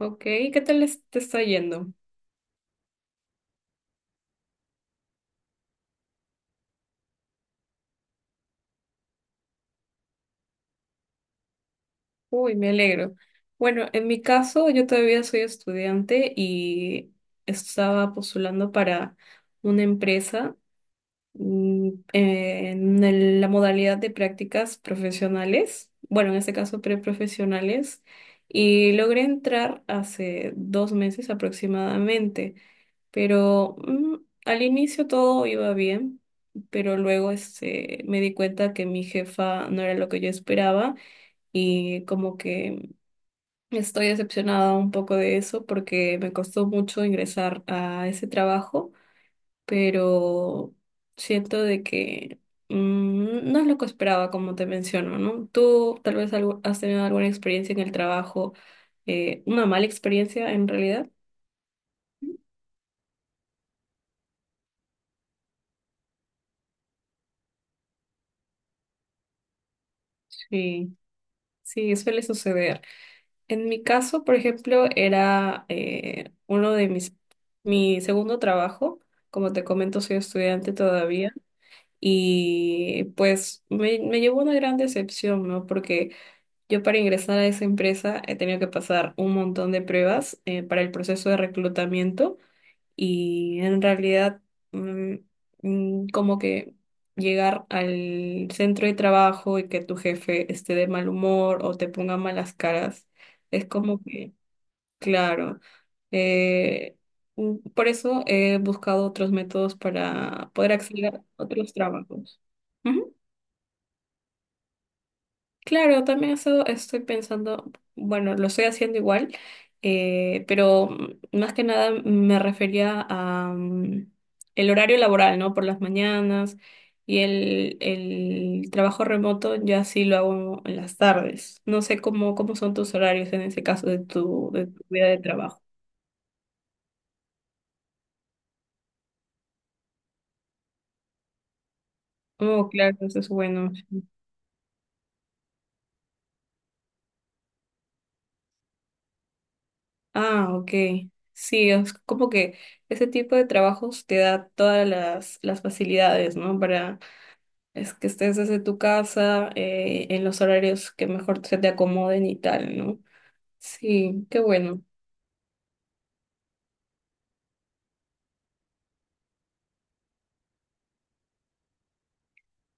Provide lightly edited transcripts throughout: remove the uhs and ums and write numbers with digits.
Ok, ¿qué tal te está yendo? Uy, me alegro. Bueno, en mi caso, yo todavía soy estudiante y estaba postulando para una empresa, la modalidad de prácticas profesionales, bueno, en este caso preprofesionales, y logré entrar hace 2 meses aproximadamente. Pero al inicio todo iba bien, pero luego me di cuenta que mi jefa no era lo que yo esperaba, y como que estoy decepcionada un poco de eso porque me costó mucho ingresar a ese trabajo, pero siento de que, no es lo que esperaba, como te menciono, ¿no? Tú tal vez has tenido alguna experiencia en el trabajo, una mala experiencia en realidad. Sí, sí, suele suceder. En mi caso, por ejemplo, era, mi segundo trabajo. Como te comento, soy estudiante todavía, y pues me llevó una gran decepción, ¿no? Porque yo para ingresar a esa empresa he tenido que pasar un montón de pruebas, para el proceso de reclutamiento, y en realidad, mm, como que llegar al centro de trabajo y que tu jefe esté de mal humor o te ponga malas caras. Es como que. Claro. eh, por eso he buscado otros métodos para poder acceder a otros trabajos. Ujú. Claro, también eso estoy pensando, bueno, lo estoy haciendo igual, pero más que nada me refería a, el horario laboral, ¿no? Por las mañanas, y el trabajo remoto ya sí lo hago en las tardes. No sé cómo son tus horarios en ese caso de tu vida de trabajo. Oh, claro, eso es bueno. Ah, ok. Sí, es como que ese tipo de trabajos te da todas las facilidades, ¿no? Para es que estés desde tu casa, en los horarios que mejor se te acomoden y tal, ¿no? Sí, qué bueno.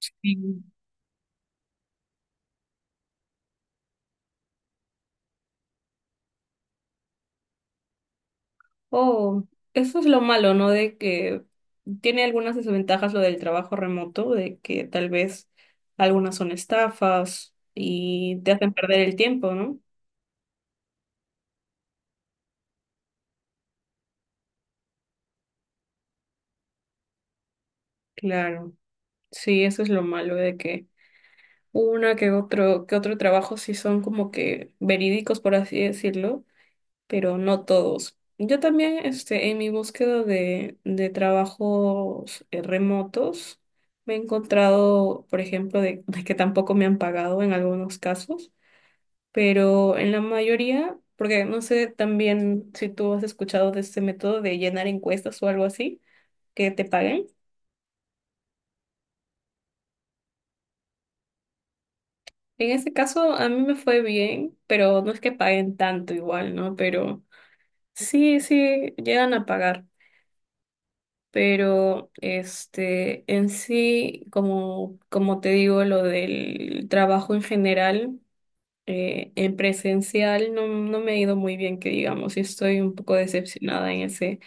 Sí. Oh, eso es lo malo, ¿no? De que tiene algunas desventajas lo del trabajo remoto, de que tal vez algunas son estafas y te hacen perder el tiempo, ¿no? Claro. Sí, eso es lo malo de que una que otro trabajo sí son como que verídicos, por así decirlo, pero no todos. Yo también, en mi búsqueda de trabajos, remotos, me he encontrado, por ejemplo, de que tampoco me han pagado en algunos casos, pero en la mayoría, porque no sé también si tú has escuchado de este método de llenar encuestas o algo así que te paguen. En este caso a mí me fue bien, pero no es que paguen tanto igual, ¿no? Pero sí, sí, llegan a pagar, pero en sí, como te digo, lo del trabajo en general, en presencial no, no me ha ido muy bien, que digamos, y estoy un poco decepcionada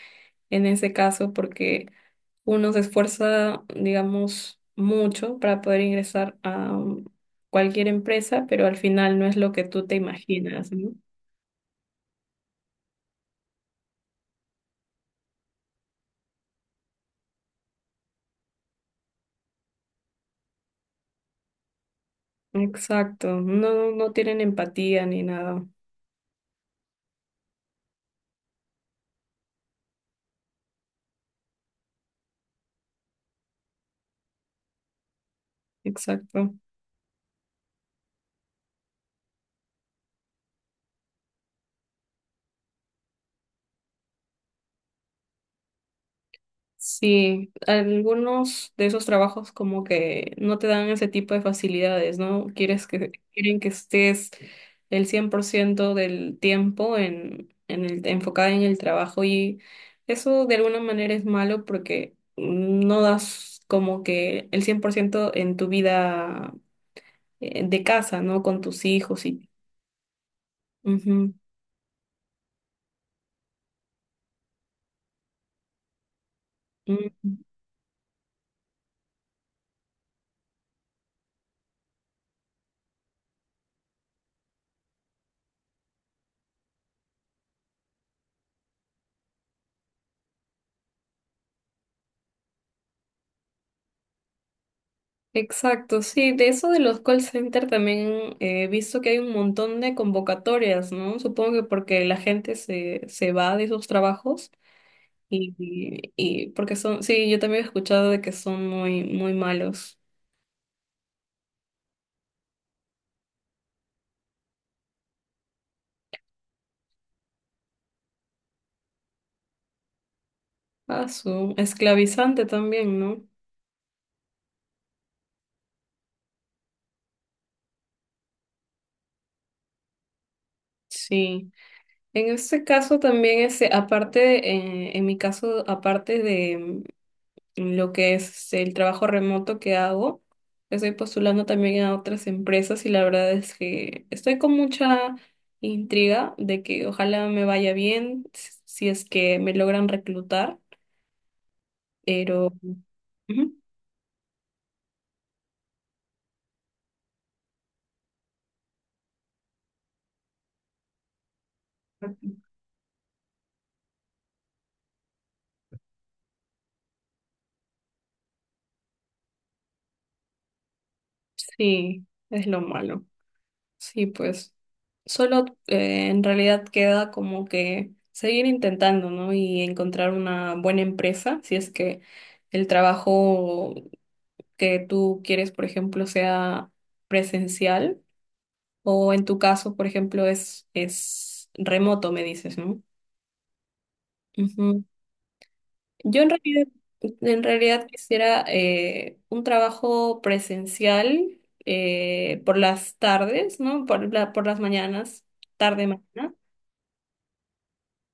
en ese caso, porque uno se esfuerza, digamos, mucho para poder ingresar a cualquier empresa, pero al final no es lo que tú te imaginas, ¿no? Exacto, no, no, no tienen empatía ni nada. Exacto. Sí, algunos de esos trabajos como que no te dan ese tipo de facilidades, ¿no? Quieren que estés el 100% del tiempo en enfocada en el trabajo, y eso de alguna manera es malo porque no das como que el 100% en tu vida, de casa, ¿no? Con tus hijos y... Ujú, ujú. Exacto, sí, de eso de los call center también, he visto que hay un montón de convocatorias, ¿no? Supongo que porque la gente se va de esos trabajos, y, porque son, sí, yo también he escuchado de que son muy, muy malos. Ah, su esclavizante también, ¿no? Sí. En este caso también, aparte, en mi caso, aparte de, lo que es el trabajo remoto que hago. Estoy postulando también a otras empresas, y la verdad es que estoy con mucha intriga de que ojalá me vaya bien si es que me logran reclutar, pero ujú, sí, es lo malo. Sí, pues solo, en realidad queda como que seguir intentando, ¿no? Y encontrar una buena empresa si es que el trabajo que tú quieres, por ejemplo, sea presencial, o en tu caso, por ejemplo, es remoto, me dices, ¿no? Ujú. Yo en realidad quisiera, un trabajo presencial, por las tardes, ¿no? Por las mañanas, tarde, mañana.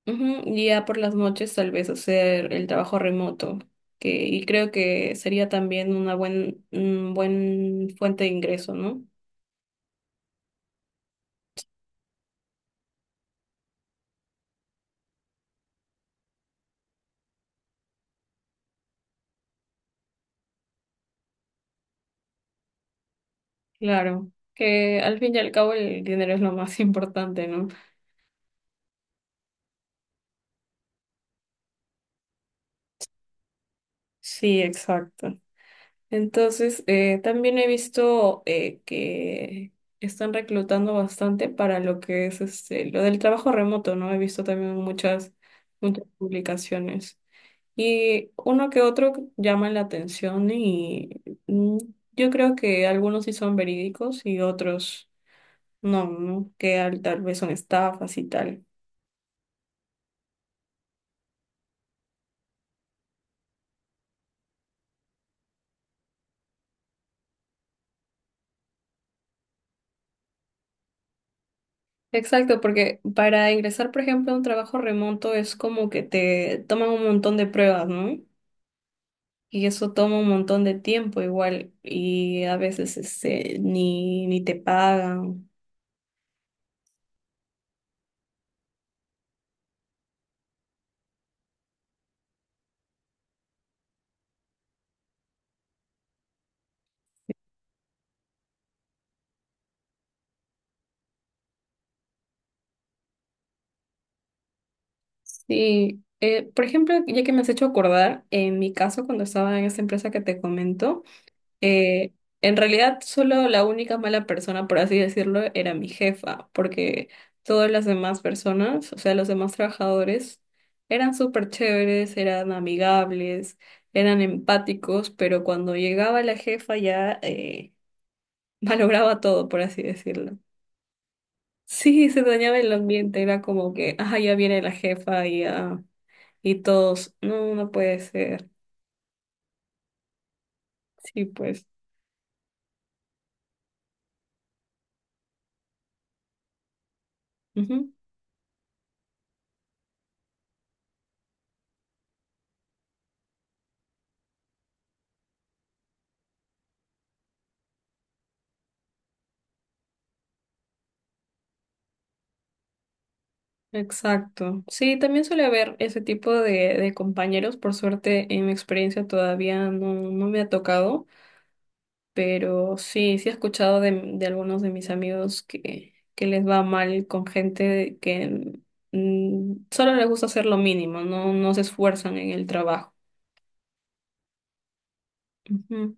Ujú, y ya por las noches tal vez hacer el trabajo remoto, que, y creo que sería también un buen fuente de ingreso, ¿no? Claro, que al fin y al cabo el dinero es lo más importante, ¿no? Sí, exacto. Entonces, también he visto, que están reclutando bastante para lo que es lo del trabajo remoto, ¿no? He visto también muchas, muchas publicaciones. Y uno que otro llama la atención y, mm, yo creo que algunos sí son verídicos y otros no, ¿no? Que tal vez son estafas y tal. Exacto, porque para ingresar, por ejemplo, a un trabajo remoto es como que te toman un montón de pruebas, ¿no? Y eso toma un montón de tiempo igual, y a veces ni te pagan. Sí, por ejemplo, ya que me has hecho acordar, en mi caso cuando estaba en esta empresa que te comento, Eh, en realidad, solo la única mala persona, por así decirlo, era mi jefa, porque todas las demás personas, o sea, los demás trabajadores, eran súper chéveres, eran amigables, eran empáticos, pero cuando llegaba la jefa ya, malograba todo, por así decirlo. Sí, se dañaba el ambiente, era como que, ah, ya viene la jefa y, ah, y todos, no, no puede ser. Sí, pues. Ujú. Exacto. Sí, también suele haber ese tipo de compañeros. Por suerte, en mi experiencia todavía no, no me ha tocado, pero sí, sí he escuchado de algunos de mis amigos que les va mal con gente que solo les gusta hacer lo mínimo, no, no se esfuerzan en el trabajo. Ujú,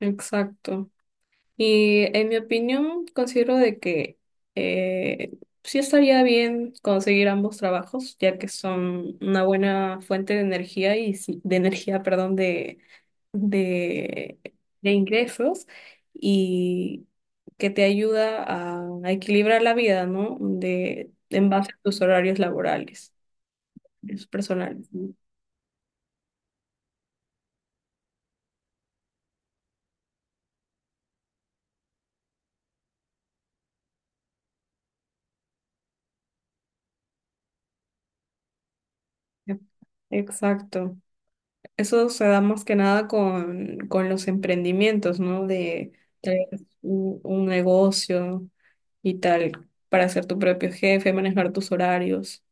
exacto. Y en mi opinión, considero de que, eh, sí estaría bien conseguir ambos trabajos, ya que son una buena fuente de energía y de energía, perdón, de, de ingresos, y que te ayuda a equilibrar la vida, ¿no? De, en base a tus horarios laborales, tus personales. ¿No? Exacto. Eso se da más que nada con los emprendimientos, ¿no? De tal vez un negocio y tal, para ser tu propio jefe, manejar tus horarios.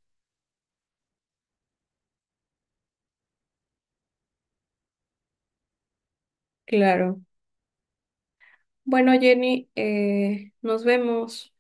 Claro. Bueno, Jenny, nos vemos.